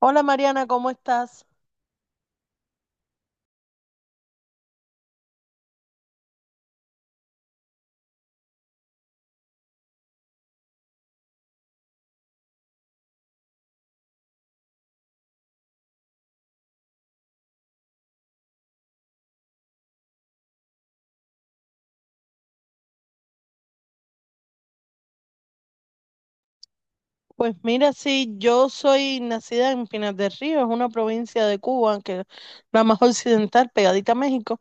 Hola Mariana, ¿cómo estás? Pues mira, sí, yo soy nacida en Pinar del Río, es una provincia de Cuba, que es la más occidental, pegadita a México,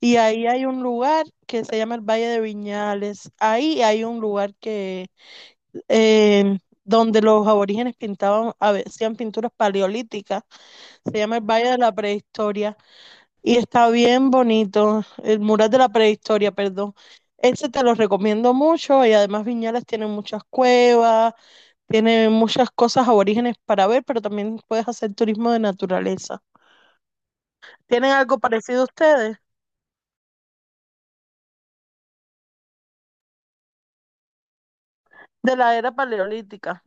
y ahí hay un lugar que se llama el Valle de Viñales. Ahí hay un lugar que eh, donde los aborígenes pintaban, hacían pinturas paleolíticas, se llama el Valle de la Prehistoria y está bien bonito, el mural de la prehistoria, perdón. Ese te lo recomiendo mucho y además Viñales tiene muchas cuevas. Tiene muchas cosas aborígenes para ver, pero también puedes hacer turismo de naturaleza. ¿Tienen algo parecido ustedes? De la era paleolítica.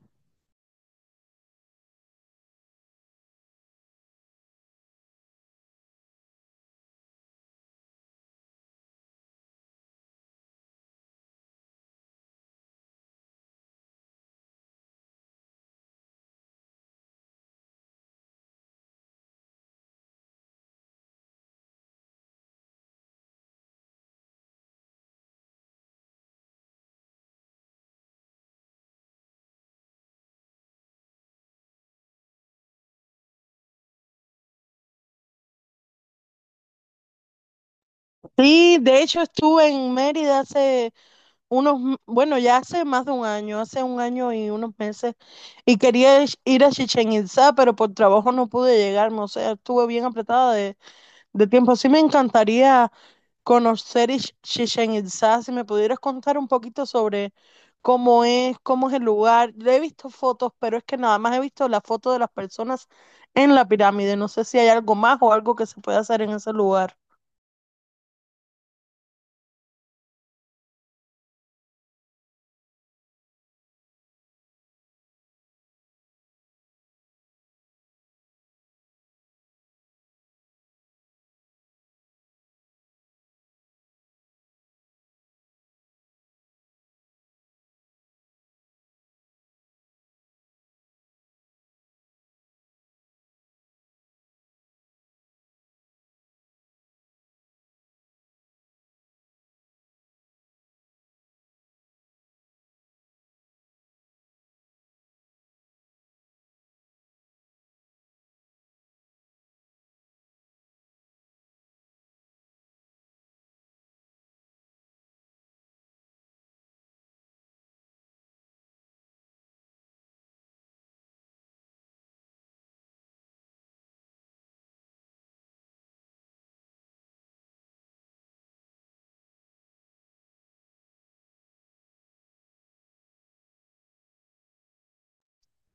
Sí, de hecho estuve en Mérida hace bueno, ya hace más de un año, hace un año y unos meses, y quería ir a Chichén Itzá, pero por trabajo no pude llegarme, o sea, estuve bien apretada de tiempo. Sí me encantaría conocer Chichén Itzá. Si me pudieras contar un poquito sobre cómo es el lugar. Yo he visto fotos, pero es que nada más he visto la foto de las personas en la pirámide. No sé si hay algo más o algo que se puede hacer en ese lugar.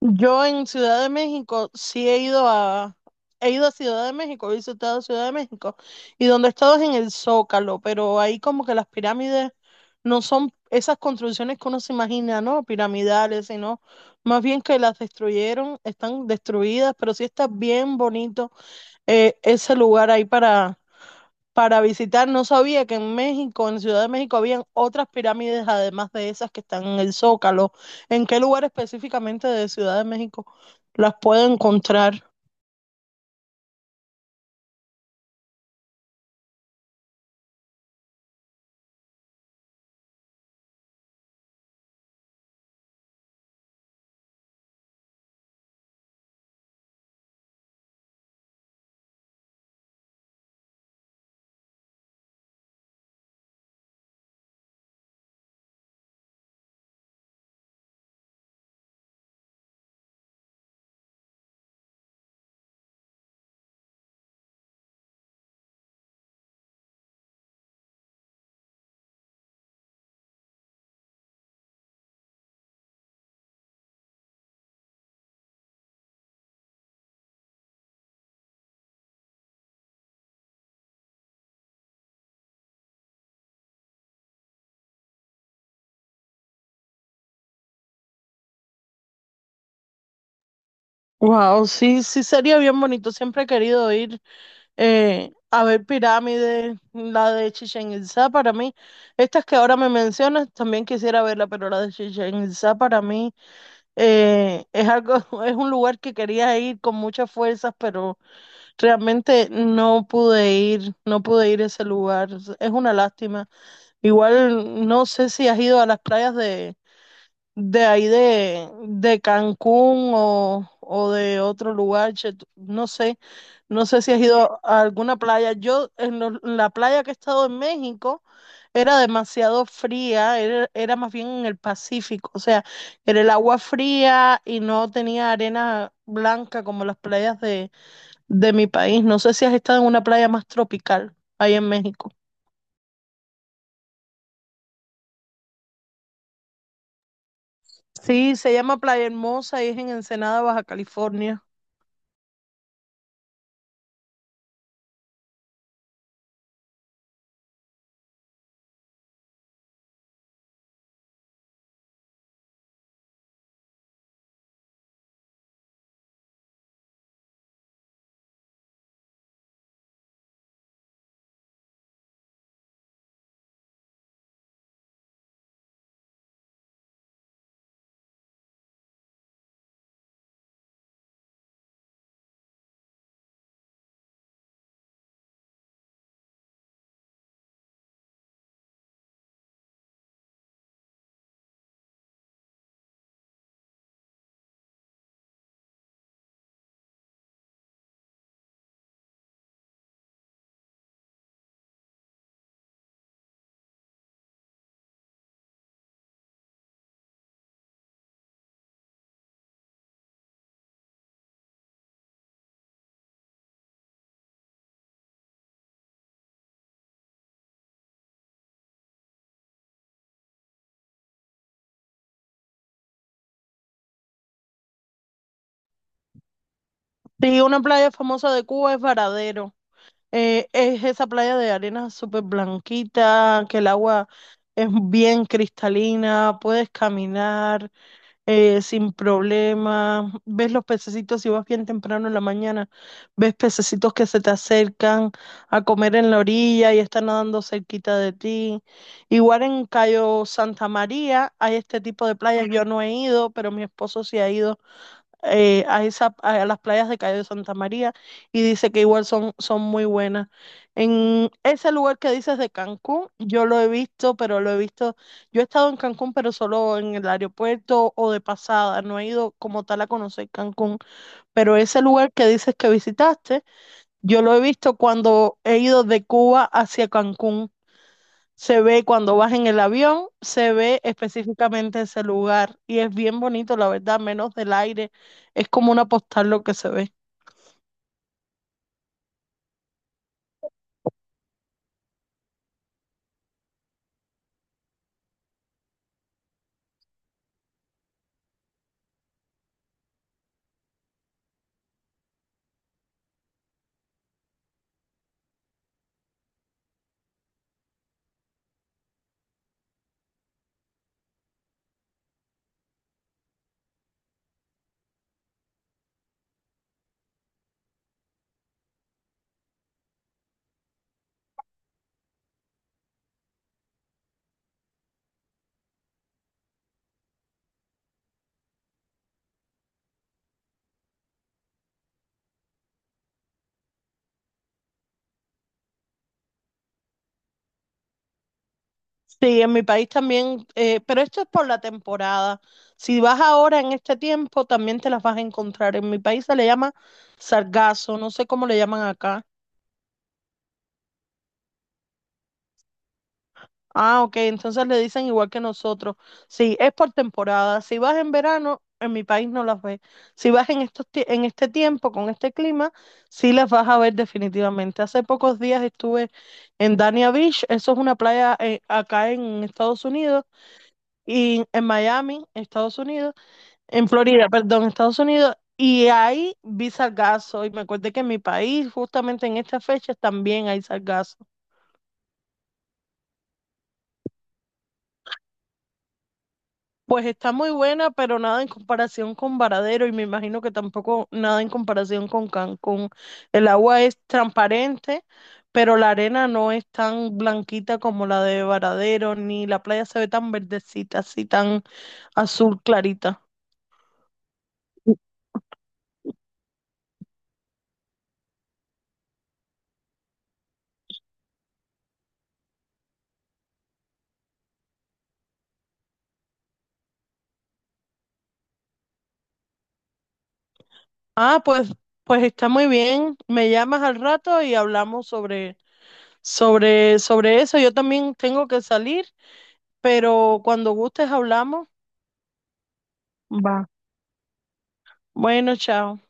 Yo en Ciudad de México sí he ido a Ciudad de México, he visitado Ciudad de México, y donde he estado es en el Zócalo, pero ahí como que las pirámides no son esas construcciones que uno se imagina, ¿no? Piramidales, sino más bien que las destruyeron, están destruidas, pero sí está bien bonito ese lugar ahí para visitar. No sabía que en México, en Ciudad de México, habían otras pirámides además de esas que están en el Zócalo. ¿En qué lugar específicamente de Ciudad de México las pueda encontrar? Wow, sí, sí sería bien bonito. Siempre he querido ir a ver pirámides, la de Chichén Itzá para mí. Estas que ahora me mencionas, también quisiera verla, pero la de Chichén Itzá para mí es algo, es un lugar que quería ir con muchas fuerzas, pero realmente no pude ir, no pude ir a ese lugar. Es una lástima. Igual no sé si has ido a las playas de Cancún o de otro lugar, che, no sé, no sé si has ido a alguna playa. Yo en la playa que he estado en México era demasiado fría, era, era más bien en el Pacífico, o sea, era el agua fría y no tenía arena blanca como las playas de mi país. No sé si has estado en una playa más tropical ahí en México. Sí, se llama Playa Hermosa y es en Ensenada, Baja California. Sí, una playa famosa de Cuba es Varadero. Es esa playa de arena súper blanquita, que el agua es bien cristalina, puedes caminar sin problema, ves los pececitos si vas bien temprano en la mañana, ves pececitos que se te acercan a comer en la orilla y están nadando cerquita de ti. Igual en Cayo Santa María hay este tipo de playas, yo no he ido, pero mi esposo sí ha ido a esa, a las playas de Cayo de Santa María y dice que igual son, son muy buenas. En ese lugar que dices de Cancún, yo lo he visto, pero lo he visto, yo he estado en Cancún, pero solo en el aeropuerto o de pasada, no he ido como tal a conocer Cancún, pero ese lugar que dices que visitaste, yo lo he visto cuando he ido de Cuba hacia Cancún. Se ve cuando vas en el avión, se ve específicamente ese lugar y es bien bonito, la verdad, menos del aire. Es como una postal lo que se ve. Sí, en mi país también, pero esto es por la temporada. Si vas ahora en este tiempo, también te las vas a encontrar. En mi país se le llama sargazo, no sé cómo le llaman acá. Ah, ok, entonces le dicen igual que nosotros. Sí, es por temporada. Si vas en verano, en mi país no las ves. Si vas en estos, en este tiempo, con este clima, sí las vas a ver definitivamente. Hace pocos días estuve en Dania Beach, eso es una playa acá en Estados Unidos, y en Miami, Estados Unidos, en Florida, perdón, Estados Unidos. Y ahí vi sargazo y me acuerdo que en mi país, justamente en estas fechas, también hay sargazo. Pues está muy buena, pero nada en comparación con Varadero y me imagino que tampoco nada en comparación con Cancún. El agua es transparente, pero la arena no es tan blanquita como la de Varadero, ni la playa se ve tan verdecita, así tan azul clarita. Ah, pues, pues está muy bien. Me llamas al rato y hablamos sobre eso. Yo también tengo que salir, pero cuando gustes hablamos. Va. Bueno, chao.